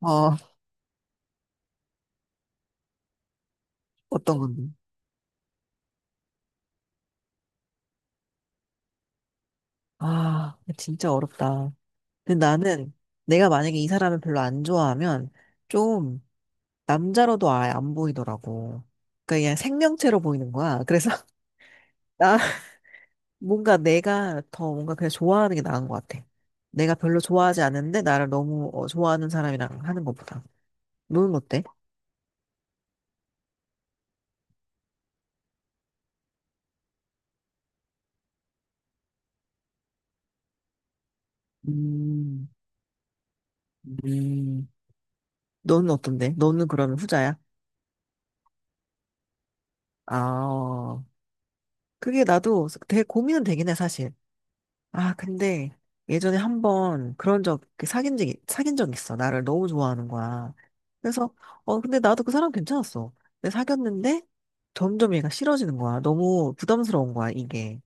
어, 어떤 건데? 아, 진짜 어렵다. 근데 나는 내가 만약에 이 사람을 별로 안 좋아하면 좀 남자로도 아예 안 보이더라고. 그러니까 그냥 생명체로 보이는 거야. 그래서 나 뭔가 내가 더 뭔가 그냥 좋아하는 게 나은 것 같아. 내가 별로 좋아하지 않는데 나를 너무 좋아하는 사람이랑 하는 것보다. 너는 어때? 음, 음. 너는 어떤데? 너는 그러면 후자야? 아, 그게 나도 되게 고민은 되긴 해, 사실. 아, 근데 예전에 한번 그런 적, 그 사귄 적, 사귄 적 있어. 나를 너무 좋아하는 거야. 그래서, 근데 나도 그 사람 괜찮았어. 근데 사귀었는데 점점 얘가 싫어지는 거야. 너무 부담스러운 거야, 이게.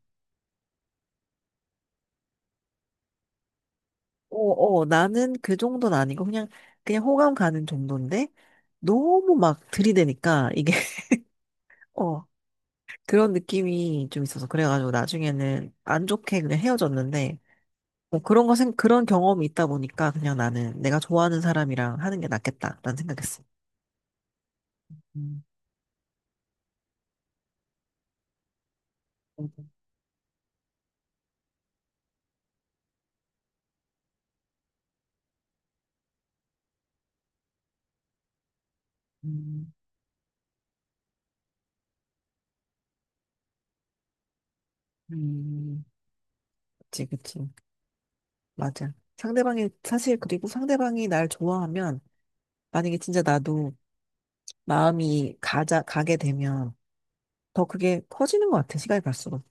어, 어, 나는 그 정도는 아니고 그냥 호감 가는 정도인데 너무 막 들이대니까 이게, 어, 그런 느낌이 좀 있어서. 그래가지고 나중에는 안 좋게 그냥 헤어졌는데 뭐 그런 거, 그런 경험이 있다 보니까 그냥 나는 내가 좋아하는 사람이랑 하는 게 낫겠다. 는 생각했어. 음, 음, 음, 그치, 그치. 맞아. 상대방이, 사실 그리고 상대방이 날 좋아하면 만약에 진짜 나도 마음이 가게 되면 더 그게 커지는 것 같아. 시간이 갈수록.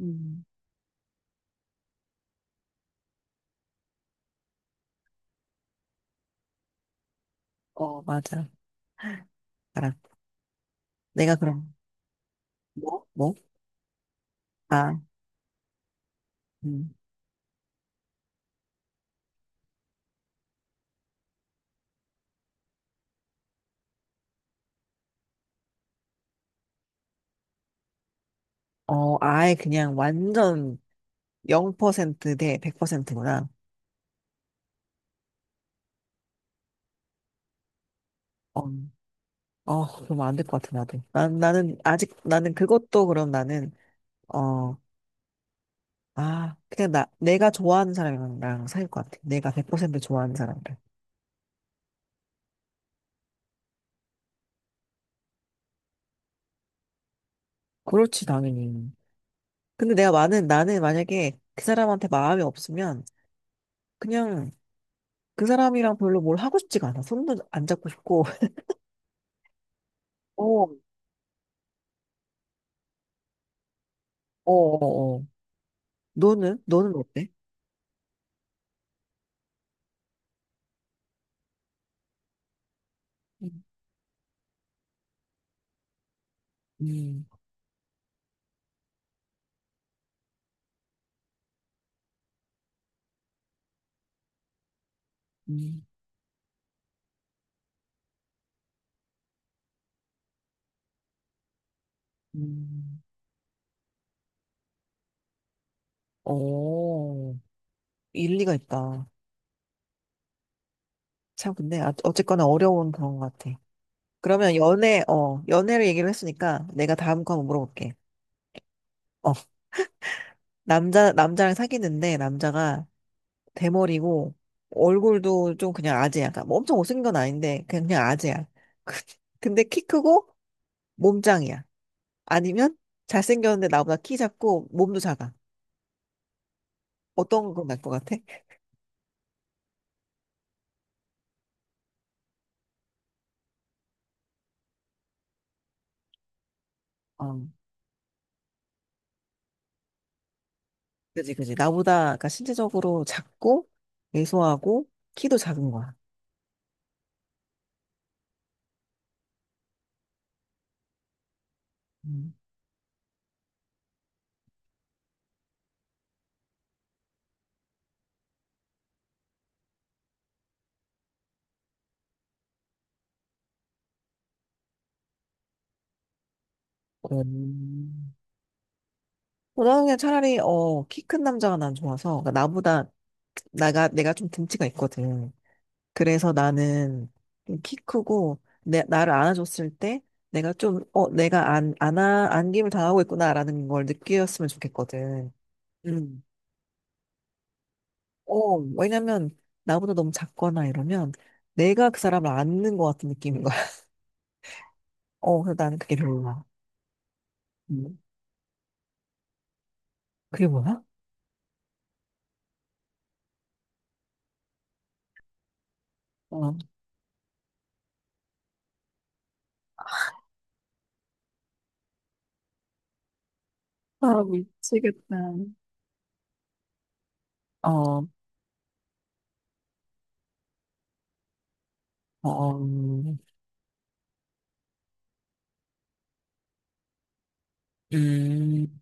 음. 어, 맞아. 알아. 내가 그럼, 뭐? 뭐? 아, 음. 어, 아예 그냥 완전 0%대 100%구나. 어, 그럼 안 될 것 같아, 나도. 난, 나는, 아직, 나는 그것도 그럼 나는, 어, 아, 그냥 내가 좋아하는 사람이랑 나랑 사귈 것 같아. 내가 100% 좋아하는 사람들. 그렇지, 당연히. 근데 나는 만약에 그 사람한테 마음이 없으면, 그냥 그 사람이랑 별로 뭘 하고 싶지가 않아. 손도 안 잡고 싶고. 어, 어, 어, 어. 너는? 너는 어때? 음, 음, 음. 음. 어, 일리가 있다. 참, 근데, 아, 어쨌거나 어려운 그런 것 같아. 그러면 연애를 얘기를 했으니까 내가 다음 거 한번 물어볼게. 어, 남자랑 사귀는데 남자가 대머리고 얼굴도 좀 그냥 아재야. 그러니까 뭐 엄청 못생긴 건 아닌데 그냥 아재야. 근데 키 크고 몸짱이야. 아니면 잘생겼는데 나보다 키 작고 몸도 작아. 어떤 건 날 것 같아? 어, 그지, 그지. 나보다 그러니까 신체적으로 작고 왜소하고 키도 작은 거야. 음. 음. 고등학년 차라리 키 큰 남자가 난 좋아서 그러니까 나보다 나가 내가 좀 등치가 있거든. 그래서 나는 좀키 크고 내 나를 안아줬을 때 내가 좀 내가 안 안아 안김을 당하고 있구나라는 걸 느꼈으면 좋겠거든. 음. 어 왜냐면 나보다 너무 작거나 이러면 내가 그 사람을 안는 것 같은 느낌인 거야. 어 그래서 나는 그게 별로야. 음. 그게 뭐야? 어 아, 미치겠다. 어, 어, 음,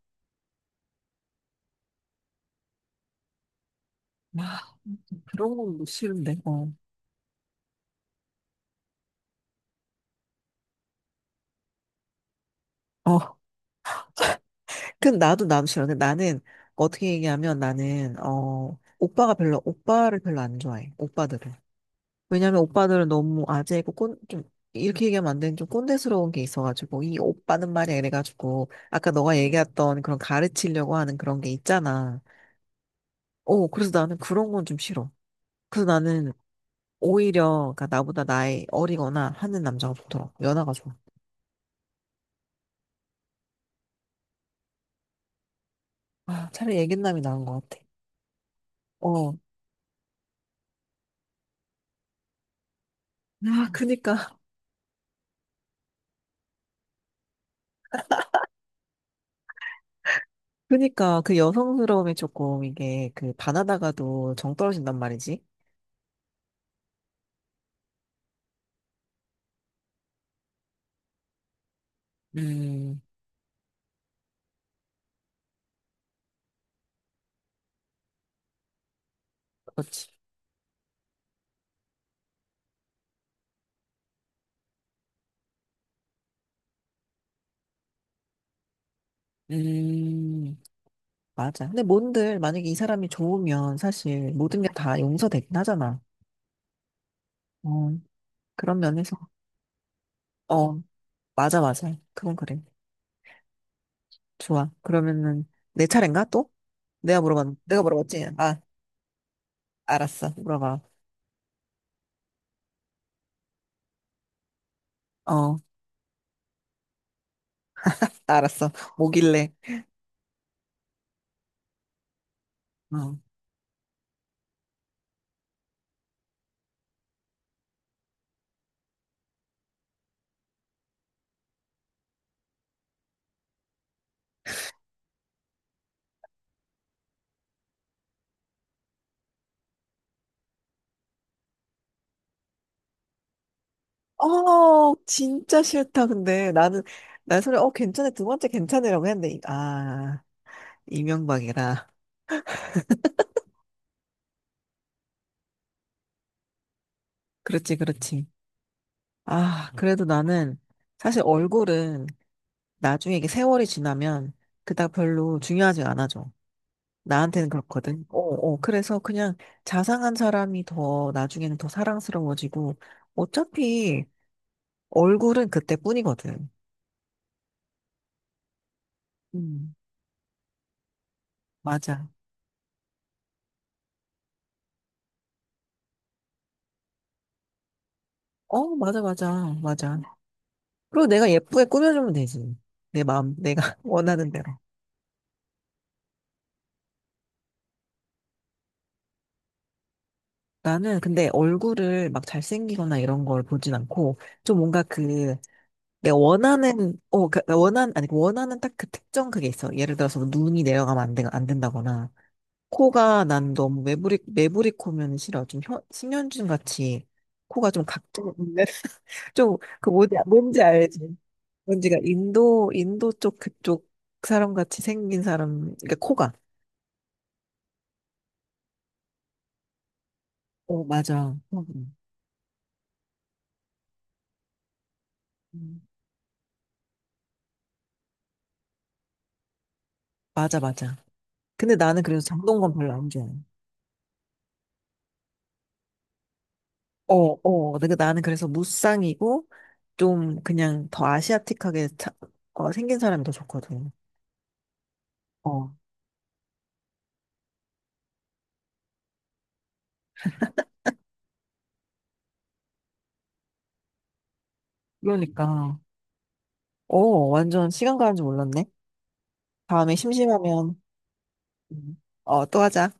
아, 그런 건 못 싫은데, 어. 어, 그 나도 싫어. 근데 나는, 어떻게 얘기하면 나는, 어, 오빠를 별로 안 좋아해. 오빠들을. 왜냐면 오빠들은 너무 아재고, 좀, 이렇게 얘기하면 안 되는 좀 꼰대스러운 게 있어가지고, 이 오빠는 말이야. 이래가지고, 아까 너가 얘기했던 그런 가르치려고 하는 그런 게 있잖아. 어, 그래서 나는 그런 건 좀 싫어. 그래서 나는 오히려, 그니까 나보다 나이 어리거나 하는 남자가 좋더라고. 연하가 좋아. 아, 차라리 애견남이 나은 것 같아. 어. 아, 그니까. 그러니까 그 여성스러움이 조금 이게 그 바나나가도 정 떨어진단 말이지. 음, 그렇지. 음, 맞아. 근데 뭔들 만약에 이 사람이 좋으면 사실 모든 게 다 용서되긴 하잖아. 어, 그런 면에서. 어, 맞아, 맞아. 그건 그래. 좋아. 그러면은 내 차례인가 또? 내가 물어봤지? 아, 알았어. 물어봐. 어, 알았어. 뭐길래. 어. 어, 진짜 싫다. 근데 나는, 괜찮아. 두 번째 괜찮으라고 했는데, 이명박이라. 그렇지, 그렇지. 아, 그래도 나는 사실 얼굴은 나중에 이게 세월이 지나면 그닥 별로 중요하지 않아져. 나한테는 그렇거든. 어, 어. 그래서 그냥 자상한 사람이 더 나중에는 더 사랑스러워지고 어차피 얼굴은 그때뿐이거든. 음, 맞아. 어, 맞아, 맞아, 맞아. 그리고 내가 예쁘게 꾸며주면 되지. 내가 원하는 대로. 나는 근데 얼굴을 막 잘생기거나 이런 걸 보진 않고, 좀 뭔가 그, 내가 원하는, 어, 그, 나 원한, 아니, 그 원하는 딱 그 특정 그게 있어. 예를 들어서 눈이 내려가면 안 된다거나, 코가 난 너무 매부리 매부리 코면 싫어. 좀 신현준 같이 코가 좀 각종 있는, 좀, 그 뭔지, 뭔지 알지? 뭔지가 인도 쪽 그쪽 사람 같이 생긴 사람, 그러니까 코가. 어, 맞아. 어. 음. 맞아, 맞아. 근데 나는 그래서 장동건 별로 안 좋아해. 어, 어. 근데 그 나는 그래서 무쌍이고, 좀 그냥 더 아시아틱하게 차- 어, 생긴 사람이 더 좋거든. 어, 그러니까. 어, 완전 시간 가는 줄 몰랐네. 다음에 심심하면, 어, 또 하자.